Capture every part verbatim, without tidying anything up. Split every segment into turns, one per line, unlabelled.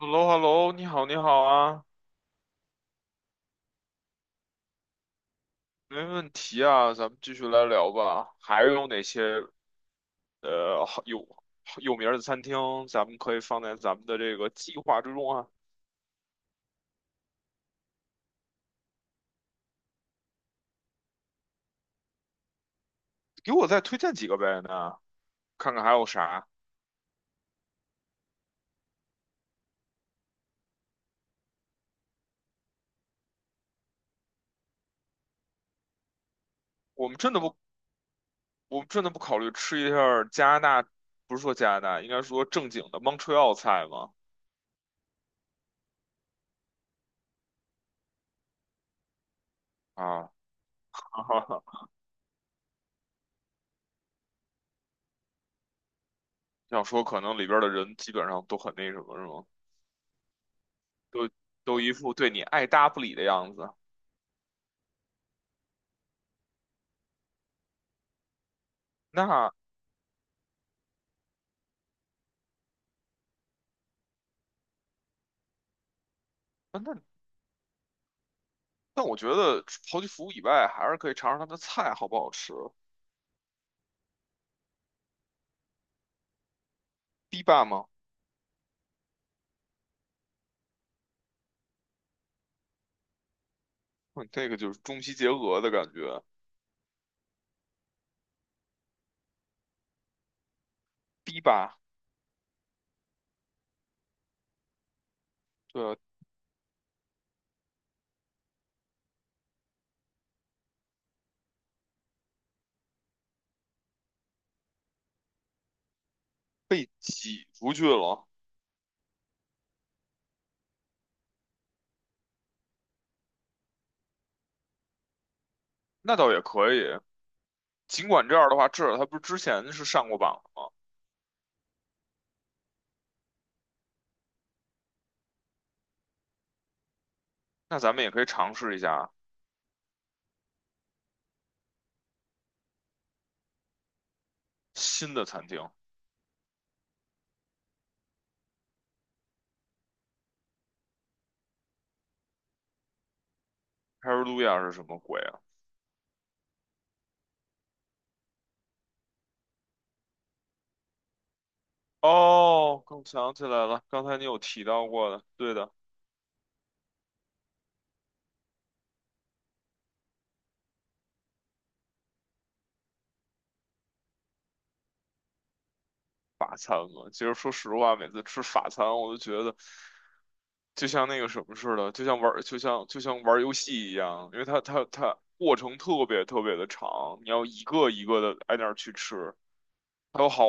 h e l l o h e l l o 你好，你好啊，没问题啊，咱们继续来聊吧。还有哪些呃好有有名儿的餐厅，咱们可以放在咱们的这个计划之中啊？给我再推荐几个呗那看看还有啥。我们真的不，我们真的不考虑吃一下儿加拿大，不是说加拿大，应该说正经的 Montreal 菜吗？啊，哈哈哈，想说可能里边儿的人基本上都很那什么，是吗？都都一副对你爱搭不理的样子。那那。但我觉得刨去服务以外，还是可以尝尝它的菜好不好吃。堤坝吗？嗯，这个就是中西结合的感觉。堤坝，对啊，被挤出去了，那倒也可以。尽管这样的话，至少它不是之前是上过榜的吗？那咱们也可以尝试一下新的餐厅。h 哈尔路亚是什么鬼啊？哦，我想起来了，刚才你有提到过的，对的。法餐嘛。其实说实话，每次吃法餐，我都觉得就像那个什么似的，就像玩儿就像就像玩儿游戏一样，因为它它它过程特别特别的长，你要一个一个的挨那儿去吃，它有好，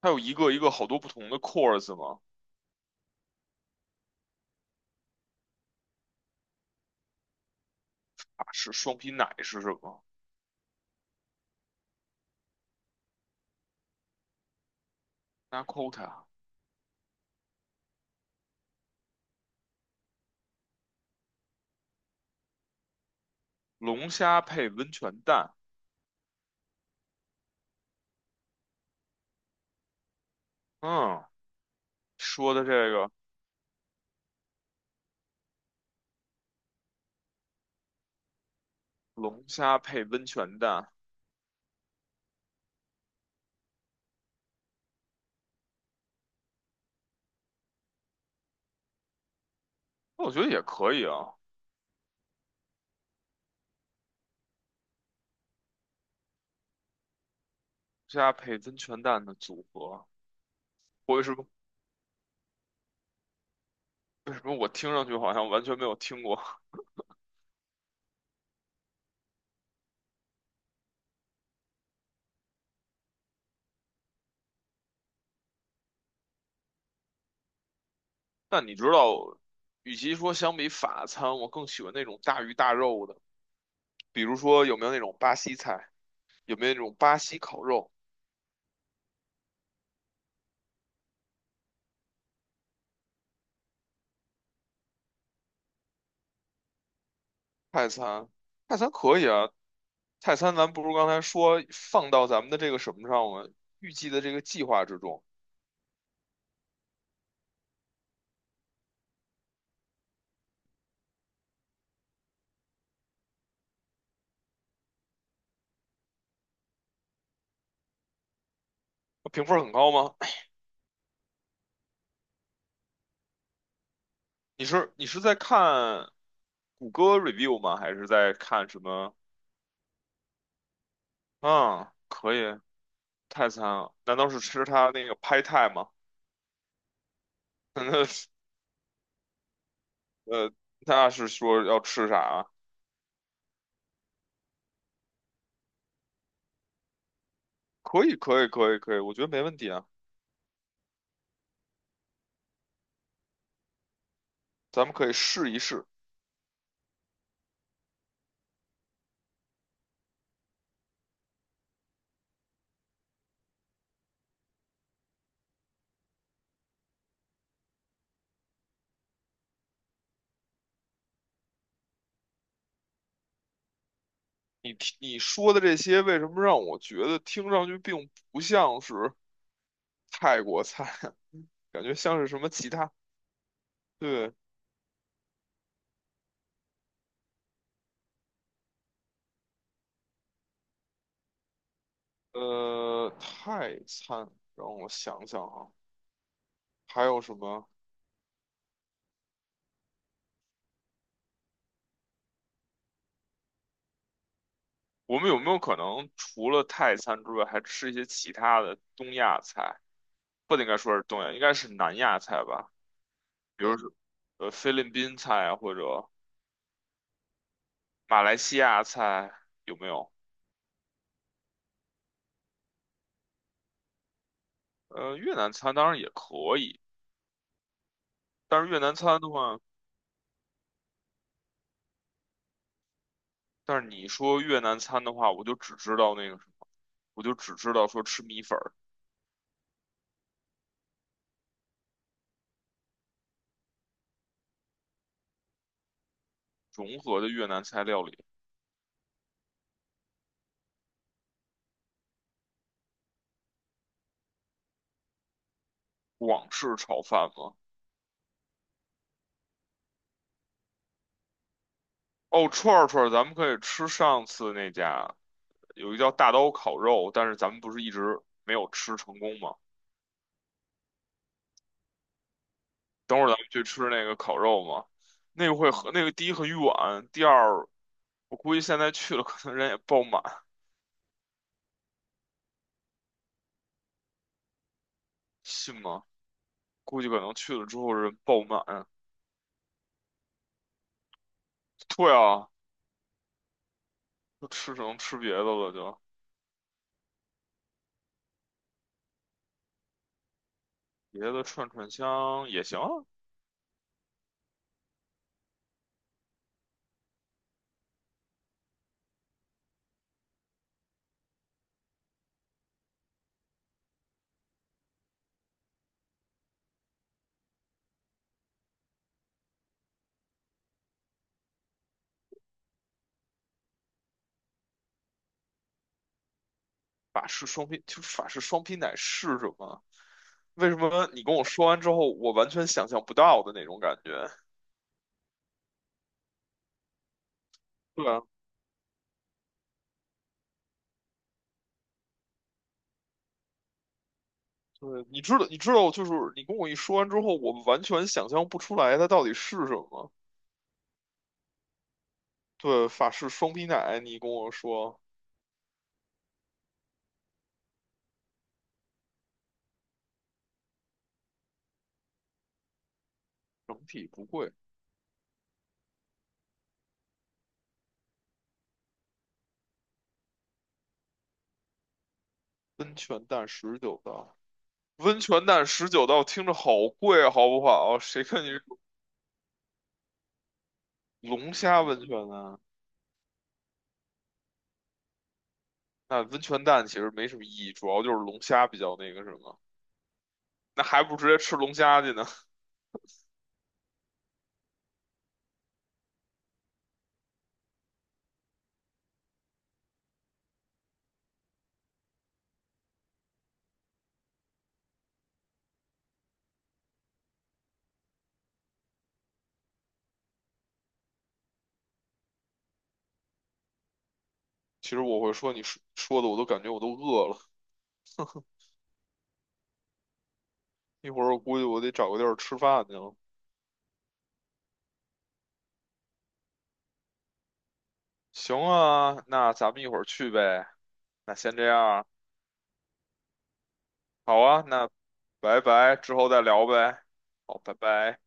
它有一个一个好多不同的 course 嘛，啊，是双皮奶是什么？Nakota 龙虾配温泉蛋，嗯，说的这个龙虾配温泉蛋，那我觉得也可以啊，龙虾配温泉蛋的组合，或者是为什么我听上去好像完全没有听过？但你知道，与其说相比法餐，我更喜欢那种大鱼大肉的，比如说有没有那种巴西菜，有没有那种巴西烤肉、泰餐？泰餐可以啊，泰餐咱不如刚才说放到咱们的这个什么上吗？预计的这个计划之中，评分很高吗？你是你是在看谷歌 review 吗？还是在看什么？嗯，可以，泰餐啊，难道是吃它那个 p 泰吗？那呃，那是说要吃啥啊？可以，可以，可以，可以，我觉得没问题啊，咱们可以试一试。你提你说的这些，为什么让我觉得听上去并不像是泰国菜，感觉像是什么其他？对，呃，泰餐，让我想想啊，还有什么？我们有没有可能除了泰餐之外，还吃一些其他的东亚菜？不应该说是东亚，应该是南亚菜吧？比如说，呃，菲律宾菜啊，或者。马来西亚菜有没有？呃，越南餐当然也可以，但是越南餐的话，但是你说越南餐的话，我就只知道那个什么，我就只知道说吃米粉儿，融合的越南菜料理，广式炒饭嘛。哦，串儿串儿，咱们可以吃上次那家有一个叫大刀烤肉，但是咱们不是一直没有吃成功吗？等会儿咱们去吃那个烤肉嘛，那个会和那个第一很远，第二我估计现在去了可能人也爆满，信吗？估计可能去了之后人爆满。对啊，就吃只能吃别的了就，别的串串香也行。法式双皮，就是法式双皮奶是什么？为什么你跟我说完之后，我完全想象不到的那种感觉？对啊，对，你知道，你知道，就是你跟我一说完之后，我完全想象不出来它到底是什么。对，法式双皮奶，你跟我说整体不贵，温泉蛋十九刀。温泉蛋十九道听着好贵啊，好不好？谁跟你龙虾温泉呢？那温泉蛋其实没什么意义，主要就是龙虾比较那个什么。那还不如直接吃龙虾去呢？其实我会说你说说的，我都感觉我都饿了。一会儿我估计我得找个地儿吃饭去了。行啊，那咱们一会儿去呗。那先这样，好啊，那拜拜，之后再聊呗。好，拜拜。